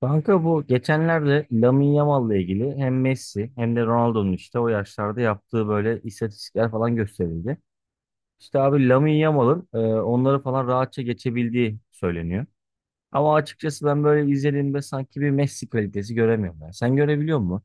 Kanka bu geçenlerde Lamine Yamal'la ilgili hem Messi hem de Ronaldo'nun işte o yaşlarda yaptığı böyle istatistikler falan gösterildi. İşte abi Lamine Yamal'ın onları falan rahatça geçebildiği söyleniyor. Ama açıkçası ben böyle izlediğimde sanki bir Messi kalitesi göremiyorum ben. Sen görebiliyor musun?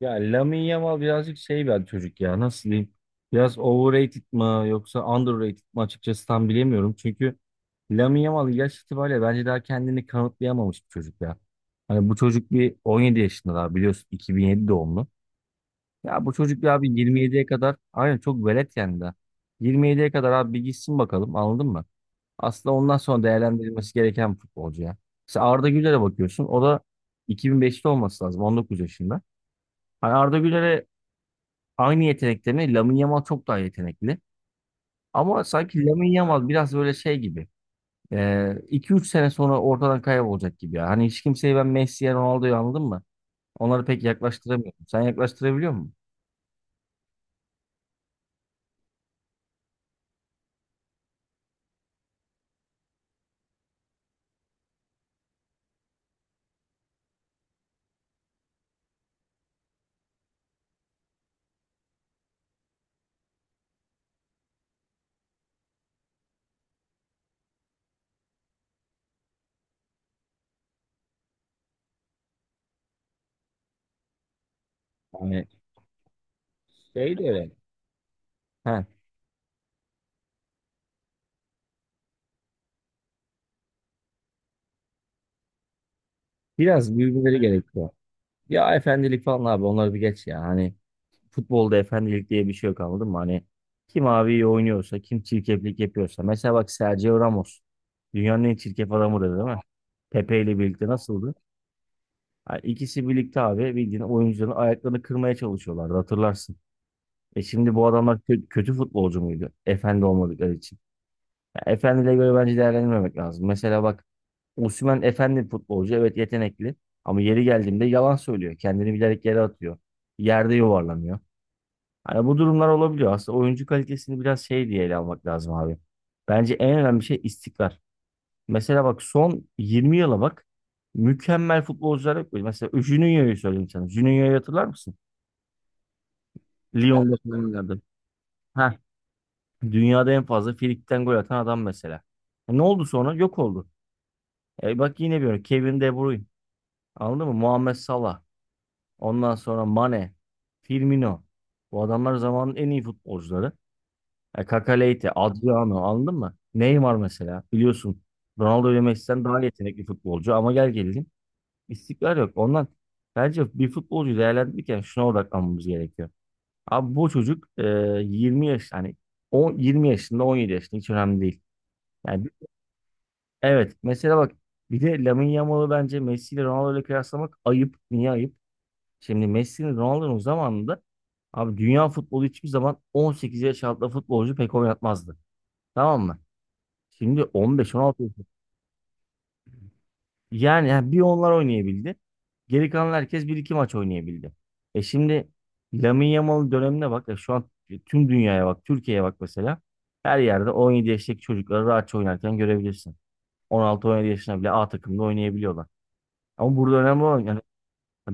Ya Lamine Yamal birazcık şey bir çocuk ya, nasıl diyeyim? Biraz overrated mı yoksa underrated mı, açıkçası tam bilemiyorum. Çünkü Lamine Yamal yaş itibariyle bence daha kendini kanıtlayamamış bir çocuk ya. Hani bu çocuk bir 17 yaşında, daha biliyorsun, 2007 doğumlu. Ya bu çocuk ya abi 27'ye kadar aynen çok velet yani daha. 27'ye kadar abi bir gitsin bakalım, anladın mı? Aslında ondan sonra değerlendirilmesi gereken bir futbolcu ya. Mesela Arda Güler'e bakıyorsun, o da 2005'te olması lazım, 19 yaşında. Hani Arda Güler'e aynı yetenekte mi? Lamine Yamal çok daha yetenekli. Ama sanki Lamine Yamal biraz böyle şey gibi. 3 sene sonra ortadan kaybolacak gibi ya. Hani hiç kimseyi ben Messi'ye, Ronaldo'ya, anladın mı? Onları pek yaklaştıramıyorum. Sen yaklaştırabiliyor musun? Yani şey de öyle. He. Biraz büyümeleri gerekiyor. Ya efendilik falan abi onları bir geç ya. Hani futbolda efendilik diye bir şey yok, anladın mı? Hani kim abi iyi oynuyorsa, kim çirkeflik yapıyorsa. Mesela bak Sergio Ramos. Dünyanın en çirkef adamı dedi, değil mi? Pepe ile birlikte nasıldı? Ha, İkisi birlikte abi bildiğin oyuncuların ayaklarını kırmaya çalışıyorlardı, hatırlarsın. Şimdi bu adamlar kötü futbolcu muydu? Efendi olmadıkları için. Ya efendiyle göre bence değerlendirmemek lazım. Mesela bak, Osimhen efendi bir futbolcu. Evet, yetenekli. Ama yeri geldiğinde yalan söylüyor. Kendini bilerek yere atıyor. Yerde yuvarlanıyor. Hani bu durumlar olabiliyor. Aslında oyuncu kalitesini biraz şey diye ele almak lazım abi. Bence en önemli şey istikrar. Mesela bak, son 20 yıla bak. Mükemmel futbolcular yok böyle. Mesela Juninho'yu söyleyeyim sana. Juninho'yu hatırlar mısın? Lyon'da, evet, falan oynadı. Heh. Dünyada en fazla Frikik'ten gol atan adam mesela. Ne oldu sonra? Yok oldu. Bak, yine bir örnek. Kevin De Bruyne. Anladın mı? Muhammed Salah. Ondan sonra Mane. Firmino. Bu adamlar zamanın en iyi futbolcuları. Kaka Leite, Adriano, anladın mı? Neymar mesela. Biliyorsun, Ronaldo ve Messi'den daha yetenekli futbolcu ama gel gelelim istikrar yok. Ondan bence bir futbolcuyu değerlendirirken şuna odaklanmamız gerekiyor. Abi bu çocuk 20 yaş hani 10, 20 yaşında 17 yaşında hiç önemli değil. Yani, evet, mesela bak, bir de Lamine Yamal'ı bence Messi ile Ronaldo ile kıyaslamak ayıp. Niye ayıp? Şimdi Messi'nin Ronaldo'nun zamanında abi dünya futbolu hiçbir zaman 18 yaş altında futbolcu pek oynatmazdı. Tamam mı? Şimdi yani bir onlar oynayabildi. Geri kalan herkes bir iki maç oynayabildi. Şimdi Lamine Yamal'ın dönemine bak. Şu an tüm dünyaya bak. Türkiye'ye bak mesela. Her yerde 17 yaşındaki çocukları rahatça oynarken görebilirsin. 16-17 yaşına bile A takımda oynayabiliyorlar. Ama burada önemli olan yani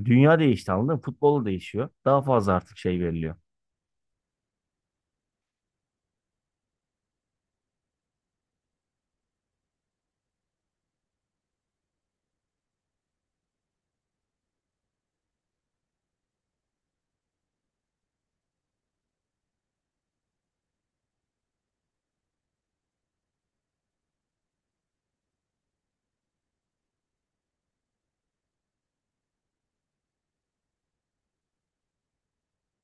dünya değişti, anladın mı? Futbol da değişiyor. Daha fazla artık şey veriliyor.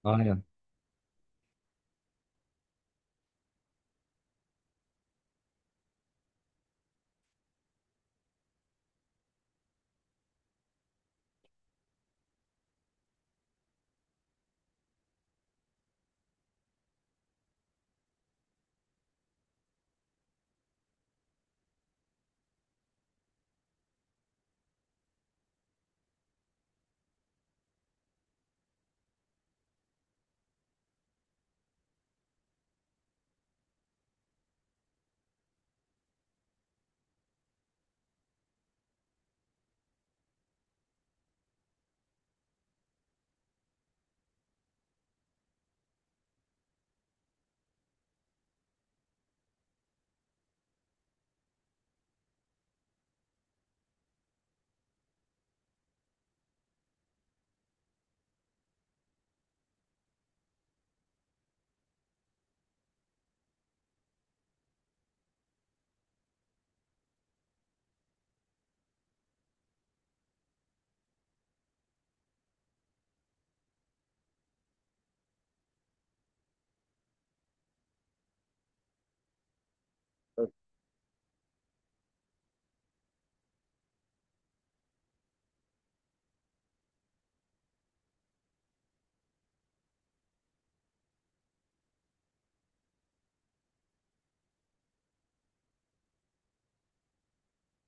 Aynen.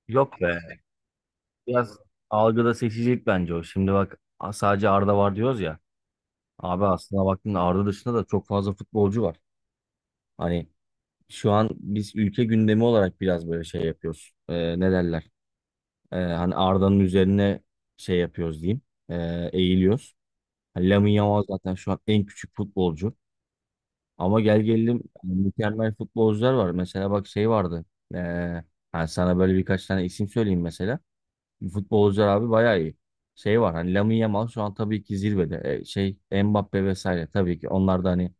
Yok be. Biraz algıda seçicilik bence o. Şimdi bak, sadece Arda var diyoruz ya. Abi aslına baktığında Arda dışında da çok fazla futbolcu var. Hani şu an biz ülke gündemi olarak biraz böyle şey yapıyoruz. Ne derler? Hani Arda'nın üzerine şey yapıyoruz diyeyim. Eğiliyoruz. Hani Lamine Yamal zaten şu an en küçük futbolcu. Ama gel gelelim yani mükemmel futbolcular var. Mesela bak, şey vardı. Ee, hani sana böyle birkaç tane isim söyleyeyim mesela. Futbolcular abi bayağı iyi. Şey var hani Lamine Yamal şu an tabii ki zirvede. Şey Mbappe vesaire, tabii ki onlar da hani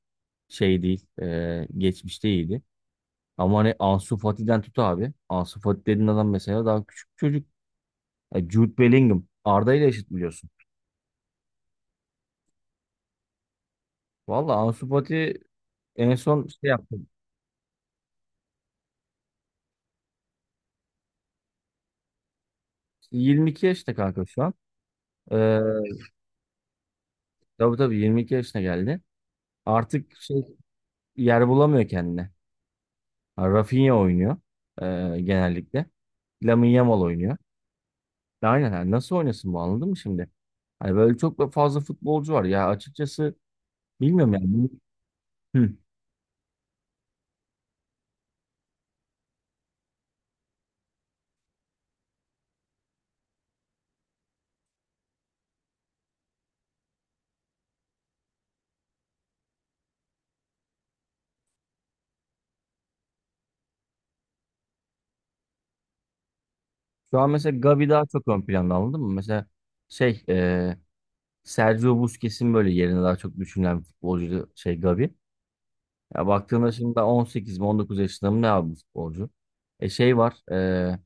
şey değil. Geçmişte iyiydi. Ama hani Ansu Fati'den tut abi. Ansu Fati dediğin adam mesela daha küçük bir çocuk. Jude Bellingham. Arda ile eşit biliyorsun. Valla Ansu Fati en son şey yaptı. 22 yaşta kanka şu an. Ee, tabii tabii 22 yaşına geldi. Artık şey yer bulamıyor kendine. Ha, Rafinha oynuyor genellikle. Lamine Yamal oynuyor. Aynen yani nasıl oynasın bu, anladın mı şimdi? Hani böyle çok da fazla futbolcu var ya, açıkçası bilmiyorum yani. Hı. Şu an mesela Gavi daha çok ön planda, anladın mı? Mesela şey Sergio Busquets'in böyle yerine daha çok düşünülen bir futbolcu şey Gavi. Ya baktığında şimdi daha 18 mi 19 yaşında mı ne abi bu futbolcu? Şey var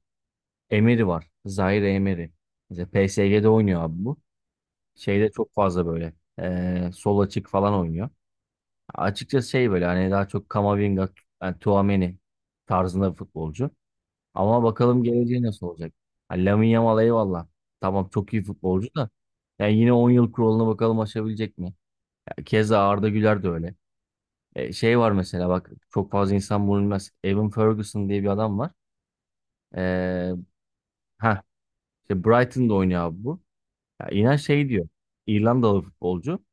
Emery var. Zaire Emery. Mesela PSG'de oynuyor abi bu. Şeyde çok fazla böyle sol açık falan oynuyor. Açıkçası şey böyle hani daha çok Kamavinga, yani Tchouaméni tarzında bir futbolcu. Ama bakalım geleceği nasıl olacak. Hani Lamine Yamal eyvallah. Tamam çok iyi futbolcu da. Yani yine 10 yıl kuralına bakalım, aşabilecek mi? Ya keza Arda Güler de öyle. Şey var, mesela bak, çok fazla insan bunu bilmez. Evan Ferguson diye bir adam var. Eee ha işte Brighton'da oynuyor abi bu. Ya inan şey diyor. İrlandalı futbolcu.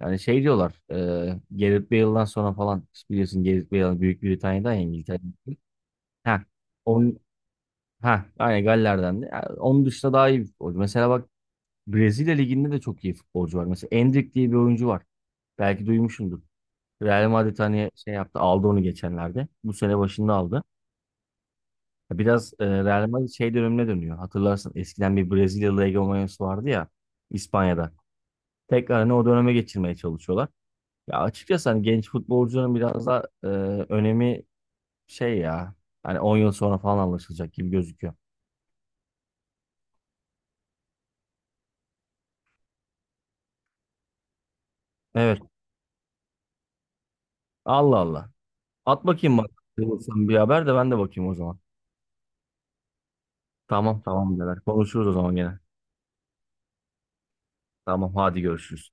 Yani şey diyorlar, Gareth Bale'dan sonra falan biliyorsun Gareth Bale Büyük Britanya'dan ya İngiltere'den. Ha, on, ha, aynen Galler'den de. Yani onun dışında daha iyi bir futbolcu. Mesela bak, Brezilya Ligi'nde de çok iyi futbolcu var. Mesela Endrick diye bir oyuncu var. Belki duymuşsundur. Real Madrid hani şey yaptı, aldı onu geçenlerde. Bu sene başında aldı. Biraz Real Madrid şey dönemine dönüyor. Hatırlarsın, eskiden bir Brezilyalı egomanyası vardı ya İspanya'da. Tekrar hani o döneme geçirmeye çalışıyorlar. Ya açıkçası hani genç futbolcunun biraz da önemi şey ya. Hani 10 yıl sonra falan anlaşılacak gibi gözüküyor. Evet. Allah Allah. At bakayım bak. Sen bir haber de ben de bakayım o zaman. Tamam tamam birader. Konuşuruz o zaman gene. Tamam, hadi görüşürüz.